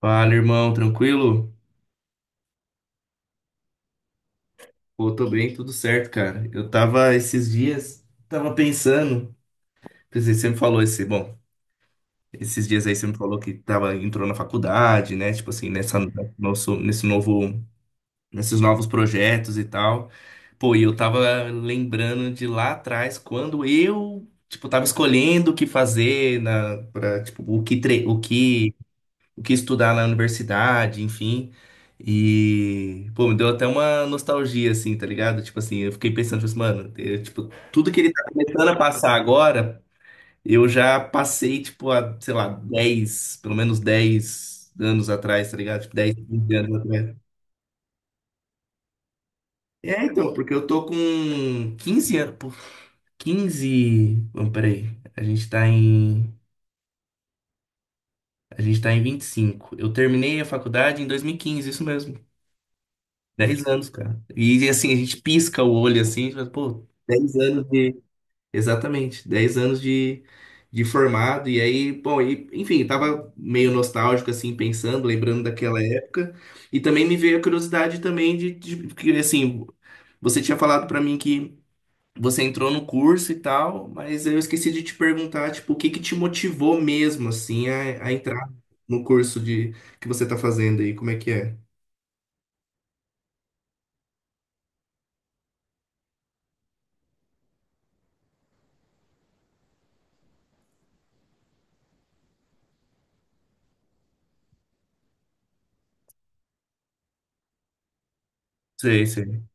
Fala, irmão, tranquilo? Pô, tô bem, tudo certo, cara. Eu tava esses dias, tava pensando, pensei, você me falou esse, bom, esses dias aí você me falou que entrou na faculdade, né? Tipo assim, nessa, nosso, nesse novo, nesses novos projetos e tal. Pô, e eu tava lembrando de lá atrás, quando eu, tipo, tava escolhendo o que fazer tipo, o que estudar na universidade, enfim. E, pô, me deu até uma nostalgia, assim, tá ligado? Tipo assim, eu fiquei pensando, tipo assim, mano, eu, tipo, tudo que ele tá começando a passar agora, eu já passei, tipo, há, sei lá, pelo menos 10 anos atrás, tá ligado? Tipo, 10, 15 anos atrás. É, então, porque eu tô com 15 anos, pô. 15? Vamos, peraí, a gente tá em, a gente tá em 25. Eu terminei a faculdade em 2015, isso mesmo. 10 anos, cara. E assim, a gente pisca o olho assim, mas, pô, 10 anos de. Exatamente, 10 anos de formado. E aí, bom, enfim, tava meio nostálgico, assim, pensando, lembrando daquela época. E também me veio a curiosidade também de que, assim, você tinha falado pra mim que você entrou no curso e tal, mas eu esqueci de te perguntar, tipo, o que que te motivou mesmo, assim, a entrar no curso de que você tá fazendo aí? Como é que é? Sei, sei.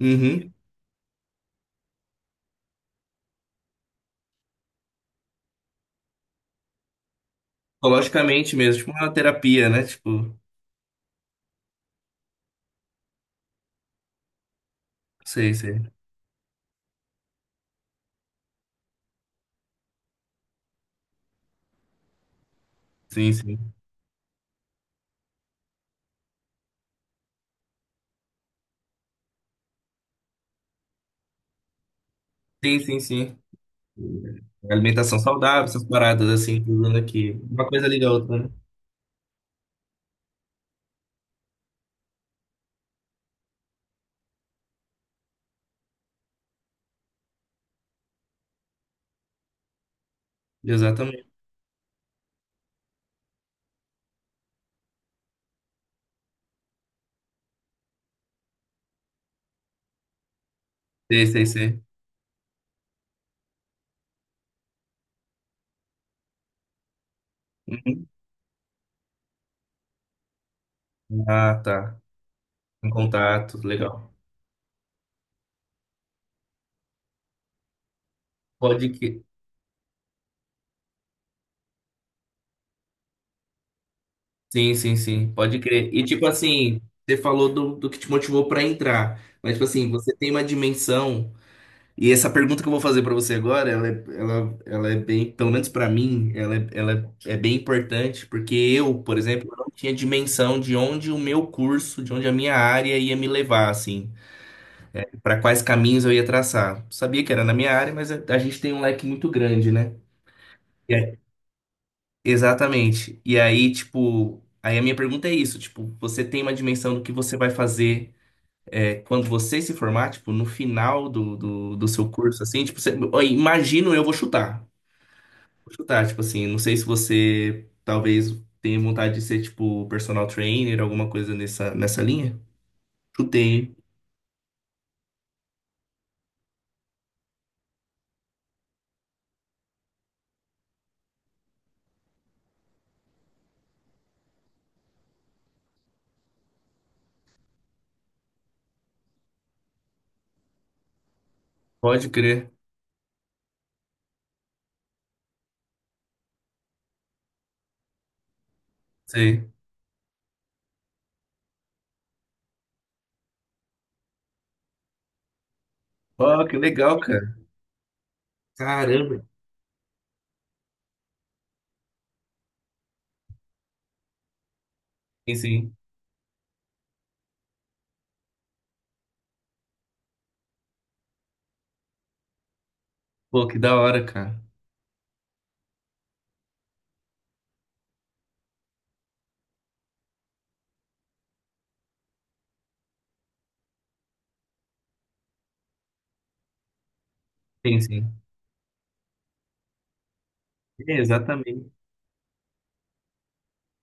Uhum. Psicologicamente mesmo, tipo uma terapia, né? Tipo, sei, sei. Sim, sim. Sim, sim, sim. Alimentação saudável, essas paradas assim, tudo aqui. Uma coisa liga a outra, né? Exatamente. Sei, sei, sei. Uhum. Ah, tá. Em contato, legal. Pode que. Sim, sim, sim. Pode crer. E tipo assim, você falou do que te motivou pra entrar. Mas, tipo assim, você tem uma dimensão. E essa pergunta que eu vou fazer para você agora, ela é bem, pelo menos para mim, ela é bem importante, porque eu, por exemplo, eu não tinha dimensão de onde o meu curso, de onde a minha área ia me levar, assim, para quais caminhos eu ia traçar. Sabia que era na minha área, mas a gente tem um leque muito grande, né? E aí- Exatamente. E aí, tipo, aí a minha pergunta é isso, tipo, você tem uma dimensão do que você vai fazer, quando você se formar, tipo, no final do seu curso, assim, tipo, você, ó, imagino eu vou chutar. Vou chutar, tipo assim, não sei se você talvez tenha vontade de ser, tipo, personal trainer, alguma coisa nessa linha. Chutei, hein? Pode crer. Sei. Ó, que legal, cara. Caramba. Sim, sim. Pô, que da hora, cara. Sim, sim. É, exatamente.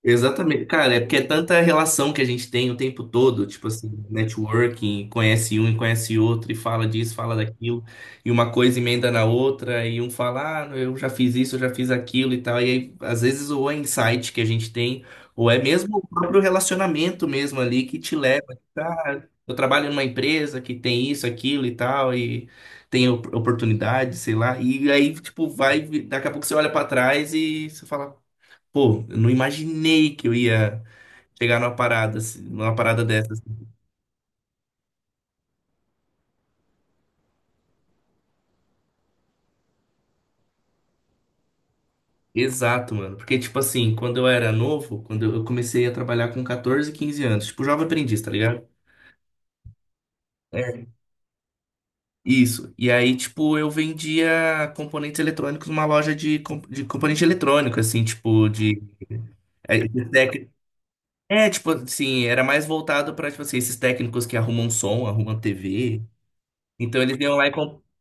Exatamente. Cara, é porque é tanta relação que a gente tem o tempo todo, tipo assim, networking, conhece um e conhece outro, e fala disso, fala daquilo, e uma coisa emenda na outra, e um fala, ah, eu já fiz isso, eu já fiz aquilo e tal. E aí, às vezes, ou é insight que a gente tem, ou é mesmo o próprio relacionamento mesmo ali que te leva, tipo, ah, eu trabalho numa empresa que tem isso, aquilo e tal, e tem oportunidade, sei lá. E aí, tipo, vai, daqui a pouco você olha pra trás e você fala. Pô, eu não imaginei que eu ia chegar numa parada, assim, numa parada dessas. Exato, mano. Porque, tipo assim, quando eu era novo, quando eu comecei a trabalhar com 14, 15 anos, tipo, jovem aprendiz, tá ligado? É. Isso. E aí, tipo, eu vendia componentes eletrônicos numa loja de componente eletrônico, assim, tipo, de. É, tipo, assim, era mais voltado pra, tipo assim, esses técnicos que arrumam som, arrumam TV. Então eles iam lá e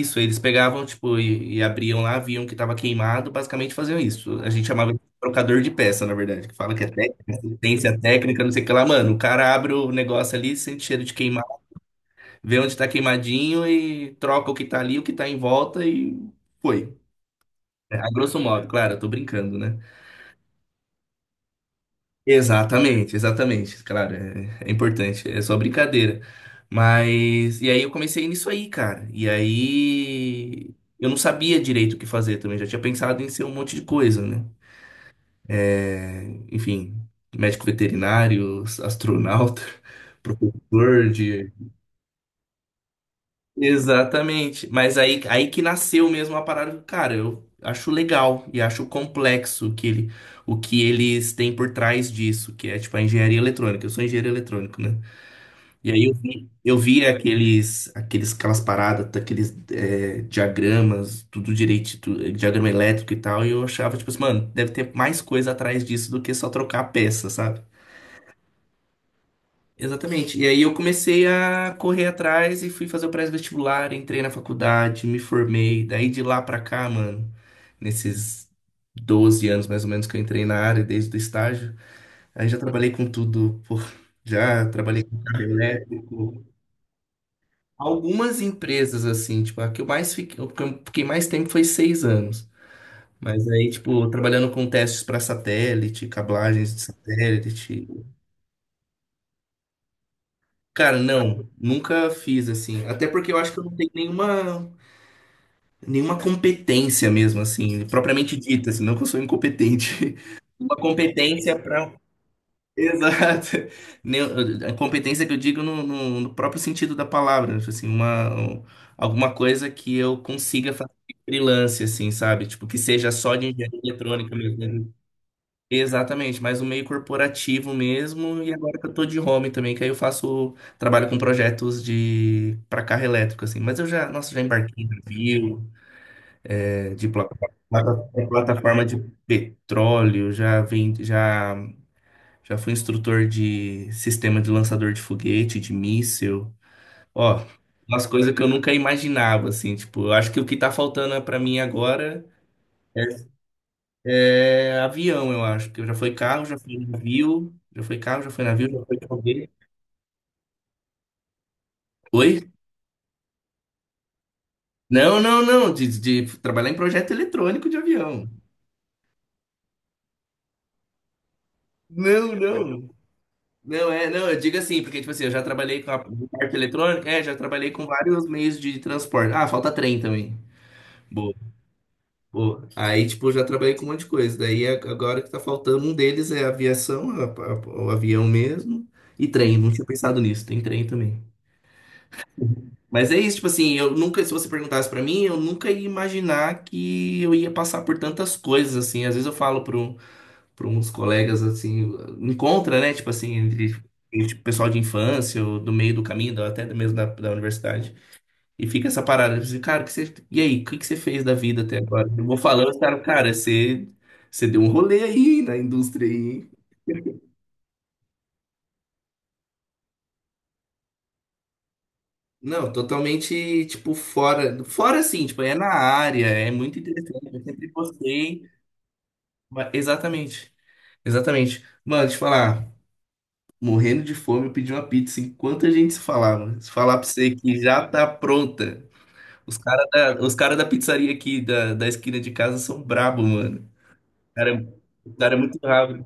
isso, eles pegavam, tipo, e abriam lá, viam que tava queimado, basicamente faziam isso. A gente chamava de trocador de peça, na verdade, que fala que é técnica, assistência técnica, não sei o que lá, mano. O cara abre o negócio ali, sente cheiro de queimado, vê onde tá queimadinho e troca o que tá ali, o que tá em volta e foi. É, a grosso modo, claro, eu tô brincando, né? Exatamente, exatamente. Claro, é importante, é só brincadeira. Mas, e aí eu comecei nisso aí, cara. E aí eu não sabia direito o que fazer também, já tinha pensado em ser um monte de coisa, né? É, enfim, médico veterinário, astronauta, professor de. Exatamente. Mas aí que nasceu mesmo a parada. Cara, eu acho legal e acho complexo o que eles têm por trás disso, que é tipo a engenharia eletrônica. Eu sou engenheiro eletrônico, né? E aí eu vi, aquelas paradas, diagramas, tudo direito, diagrama elétrico e tal, e eu achava, tipo assim, mano, deve ter mais coisa atrás disso do que só trocar a peça, sabe? Exatamente. E aí eu comecei a correr atrás e fui fazer o pré-vestibular, entrei na faculdade, me formei. Daí de lá pra cá, mano, nesses 12 anos mais ou menos que eu entrei na área, desde o estágio, aí já trabalhei com tudo, pô, já trabalhei com carro elétrico. Algumas empresas, assim, tipo, a que eu mais fiquei, o que eu fiquei mais tempo foi 6 anos. Mas aí, tipo, trabalhando com testes para satélite, cablagens de satélite. Cara, não, nunca fiz assim. Até porque eu acho que eu não tenho nenhuma competência mesmo, assim, propriamente dita, assim, não que eu sou incompetente. Uma competência para. Exato. Nem- A competência que eu digo no próprio sentido da palavra, tipo assim, alguma coisa que eu consiga fazer freelance, assim, sabe? Tipo, que seja só de engenharia eletrônica mesmo, né? Exatamente, mais o meio corporativo mesmo, e agora que eu tô de home também, que aí eu faço, trabalho com projetos de para carro elétrico, assim, mas eu já, nossa, já embarquei em navio, é, de plataforma de petróleo, já fui instrutor de sistema de lançador de foguete, de míssil, ó, umas coisas que eu nunca imaginava, assim, tipo, eu acho que o que tá faltando pra mim agora é É. Avião, eu acho, porque já foi carro, já foi navio, já foi carro, já foi navio, já foi foguete. Oi? Não, não, não, de trabalhar em projeto eletrônico de avião. Não, não. Não, não, eu digo assim, porque, tipo assim, eu já trabalhei com a parte eletrônica, já trabalhei com vários meios de transporte. Ah, falta trem também. Boa, boa. Aí, tipo, eu já trabalhei com um monte de coisa. Daí, agora que tá faltando um deles é aviação, o avião mesmo, e trem. Não tinha pensado nisso, tem trem também. Mas é isso, tipo assim, eu nunca, se você perguntasse pra mim, eu nunca ia imaginar que eu ia passar por tantas coisas, assim. Às vezes eu falo pro, uns colegas, assim, encontra, né, tipo assim, entre pessoal de infância, ou do meio do caminho, até mesmo da universidade. E fica essa parada, assim, cara, e aí, o que que você fez da vida até agora? Eu vou falando, os caras, cara, você deu um rolê aí na indústria aí, hein? Não, totalmente, tipo, fora assim, tipo, é na área, é muito interessante, eu sempre gostei. Exatamente, exatamente. Mano, deixa eu falar, morrendo de fome, eu pedi uma pizza. Enquanto a gente se falava, se falar pra você que já tá pronta. Os cara da pizzaria aqui da esquina de casa são brabo, mano. O cara, é, o cara é muito rápido.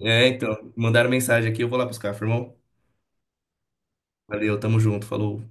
É, então, mandaram mensagem aqui, eu vou lá buscar, firmão. Valeu, tamo junto, falou.